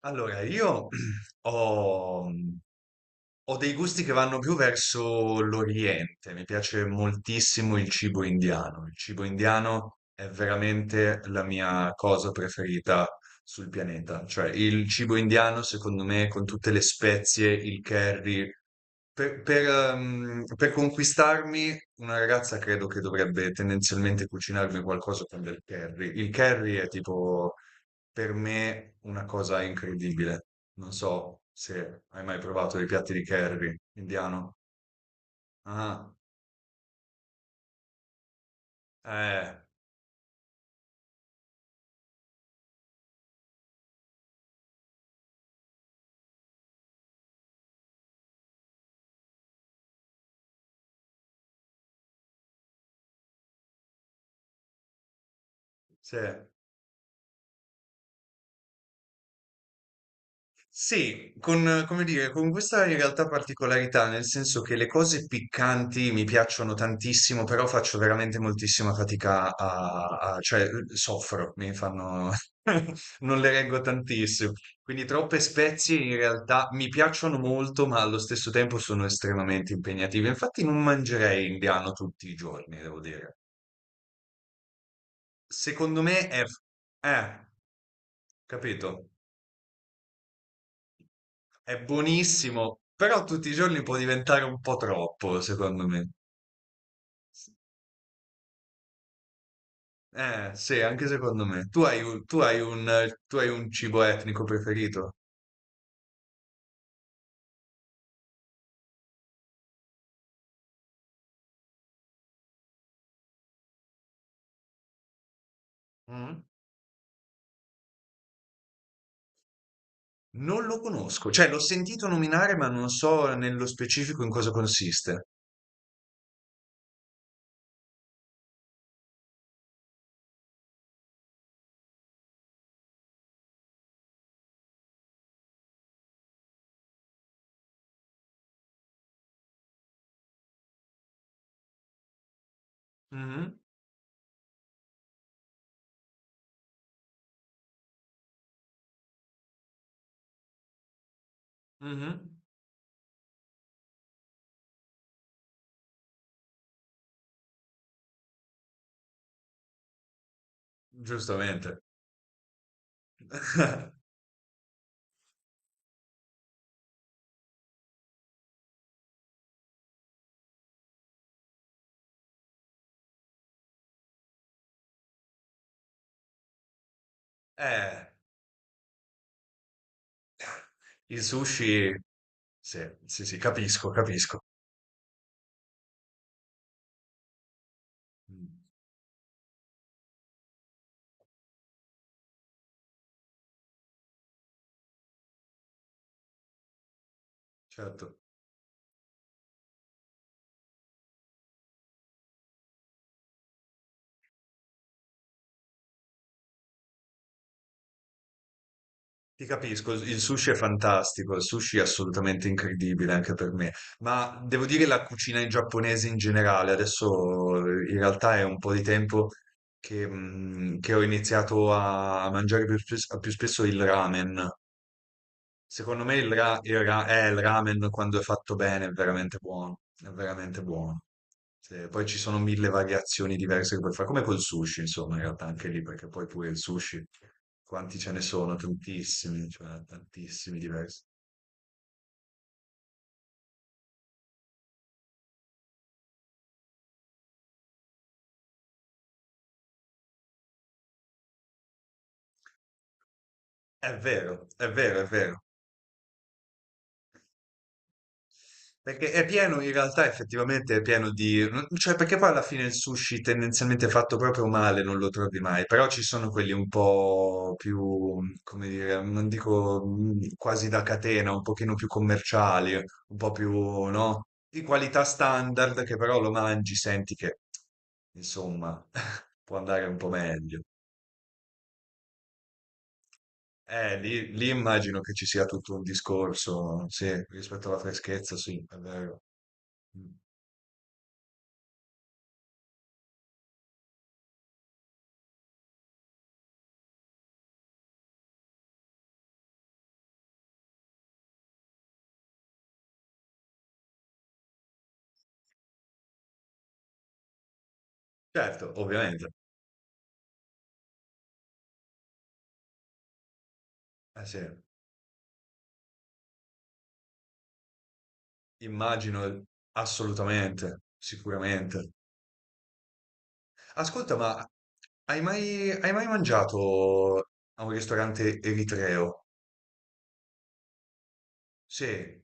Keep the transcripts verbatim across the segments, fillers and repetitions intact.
Allora, io ho, mhmm, ho dei gusti che vanno più verso l'Oriente, mi piace moltissimo il cibo indiano, il cibo indiano è veramente la mia cosa preferita sul pianeta, cioè il cibo indiano secondo me con tutte le spezie, il curry, per, per, ehm, per conquistarmi una ragazza credo che dovrebbe tendenzialmente cucinarmi qualcosa con del curry, il curry è tipo per me una cosa incredibile. Non so se hai mai provato i piatti di curry indiano. Ah, eh, sì. Sì, con, come dire, con questa in realtà particolarità, nel senso che le cose piccanti mi piacciono tantissimo, però faccio veramente moltissima fatica a, a- cioè soffro, mi fanno, non le reggo tantissimo. Quindi troppe spezie in realtà mi piacciono molto, ma allo stesso tempo sono estremamente impegnative. Infatti non mangerei indiano tutti i giorni, devo dire. Secondo me è... Eh, capito? È buonissimo, però tutti i giorni può diventare un po' troppo, secondo me. Eh, sì, anche secondo me. Tu hai un, tu hai un, tu hai un cibo etnico preferito? Mm? Non lo conosco, cioè l'ho sentito nominare, ma non so nello specifico in cosa consiste. Mhm, mhm, giustamente. Eh, il sushi, sì, sì, sì, capisco, capisco. Mm, certo. Ti capisco, il sushi è fantastico, il sushi è assolutamente incredibile anche per me, ma devo dire la cucina in giapponese in generale, adesso eh, in realtà è un po' di tempo che, mm, che ho iniziato a mangiare più spes- più spesso il ramen. Secondo me il, ra- il ra- eh, il ramen quando è fatto bene è veramente buono, è veramente buono. Sì, poi ci sono mille variazioni diverse che puoi fare, come col sushi, insomma, in realtà anche lì, perché poi pure il sushi, quanti ce ne sono? Tantissimi, cioè tantissimi diversi. È vero, è vero, è vero. Perché è pieno, in realtà effettivamente è pieno di... non- cioè perché poi alla fine il sushi tendenzialmente fatto proprio male non lo trovi mai, però ci sono quelli un po' più, come dire, non dico mm, quasi da catena, un pochino più commerciali, un po' più, no? Di qualità standard che però lo mangi, senti che, insomma, può andare un po' meglio. Eh, lì, lì immagino che ci sia tutto un discorso, sì, rispetto alla freschezza, sì, è vero. Mm. Certo, ovviamente. Eh sì. Immagino, ehm, assolutamente, sicuramente. Ascolta, ma hai mai, hai mai mangiato a un ristorante eritreo? Sì,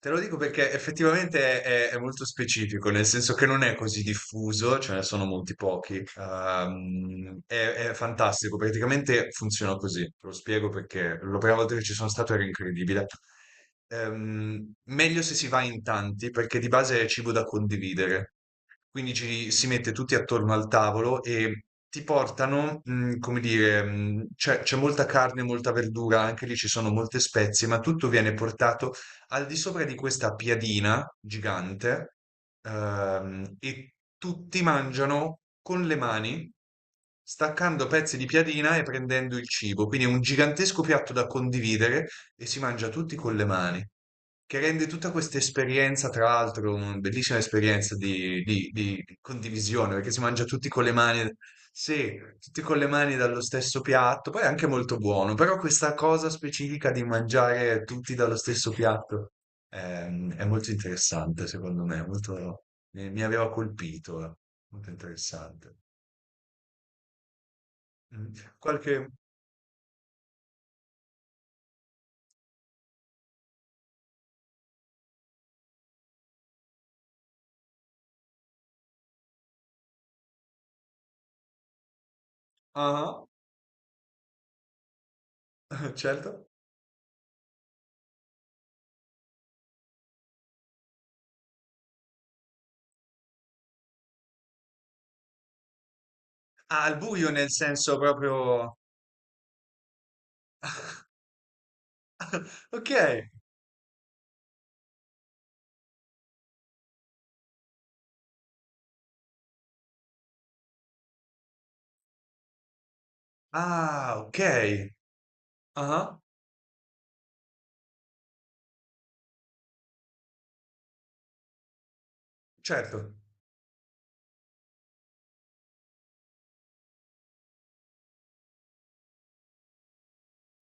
te lo dico perché effettivamente è, è molto specifico, nel senso che non è così diffuso, ce ne sono molti pochi. Ehm, è, è fantastico, praticamente funziona così. Te lo spiego perché la prima volta che ci sono stato era incredibile. Ehm, meglio se si va in tanti perché di base è cibo da condividere. Quindi ci si mette tutti attorno al tavolo e ti portano, mhmm, come dire, mhmm, c'è c'è molta carne, molta verdura, anche lì ci sono molte spezie, ma tutto viene portato al di sopra di questa piadina gigante, ehm, e tutti mangiano con le mani, staccando pezzi di piadina e prendendo il cibo. Quindi è un gigantesco piatto da condividere e si mangia tutti con le mani, che rende tutta questa esperienza, tra l'altro, una bellissima esperienza di, di- di di condivisione, perché si mangia tutti con le mani, sì, tutti con le mani dallo stesso piatto, poi è anche molto buono, però questa cosa specifica di mangiare tutti dallo stesso piatto ehm, è, molto interessante, secondo me, molto, mi, mi aveva colpito, eh, molto interessante. Mm. Qualche... Ah, certo. Ah, al buio nel senso proprio... Ok. Ah, okay. Ah-ah, certo.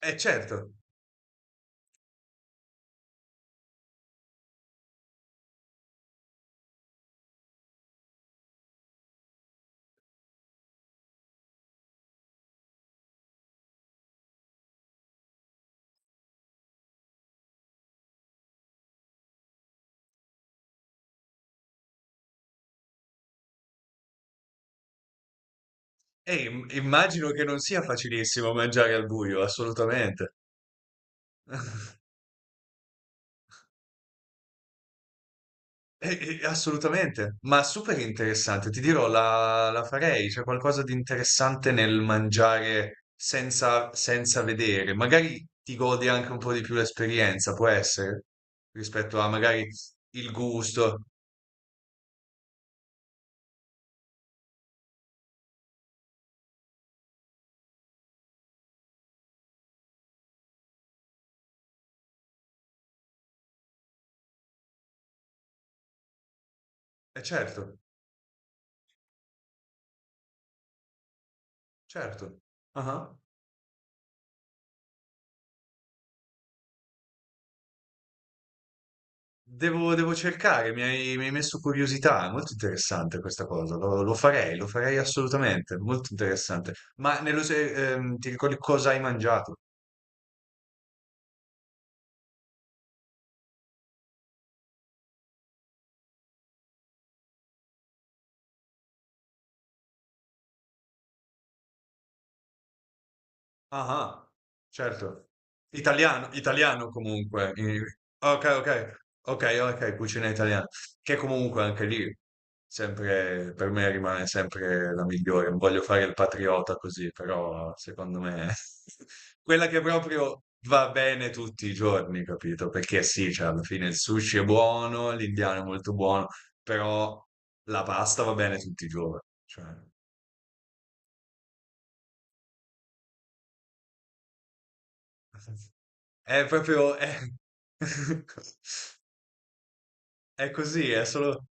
Eh, certo. Eh, im immagino che non sia facilissimo mangiare al buio, assolutamente. Eh, eh, assolutamente, ma super interessante. Ti dirò, la la farei. C'è qualcosa di interessante nel mangiare senza senza vedere. Magari ti godi anche un po' di più l'esperienza, può essere? Rispetto a magari il gusto. Eh certo, certo. Ah-ah. Devo, devo cercare, mi hai, mi hai messo curiosità, è molto interessante questa cosa, lo, lo farei, lo farei assolutamente, molto interessante. Ma nello, se- ehm, ti ricordi cosa hai mangiato? Ah, ah, certo. Italiano, italiano comunque. Eh, ok, ok, ok, ok, cucina italiana. Che comunque anche lì, sempre, per me rimane sempre la migliore. Non voglio fare il patriota così, però secondo me quella che proprio va bene tutti i giorni, capito? Perché sì, cioè, alla fine il sushi è buono, l'indiano è molto buono, però la pasta va bene tutti i giorni. Cioè, è proprio... è- è così, è solo...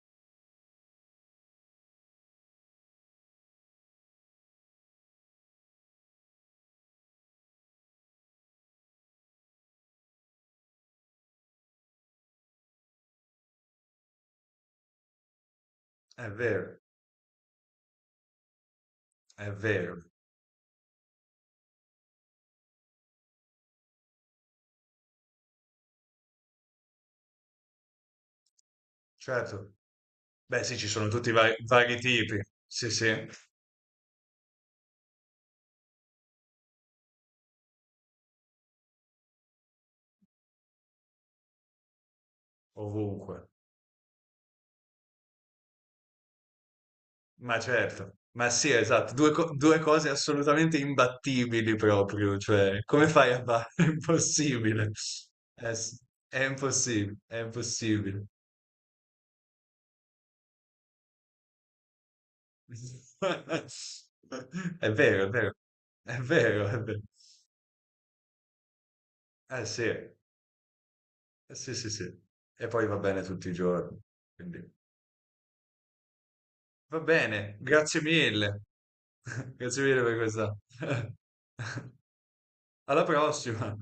È vero, è vero, certo. Beh sì, ci sono tutti i vari, vari tipi, sì sì, ovunque. Ma certo, ma sì, esatto, due, co- due cose assolutamente imbattibili proprio, cioè come fai a fare? È impossibile, è, s- è impossibile, è impossibile. È vero, è vero, è vero, è vero. Eh sì, eh sì sì sì, e poi va bene tutti i giorni, quindi... Va bene, grazie mille. Grazie mille per questa. Alla prossima.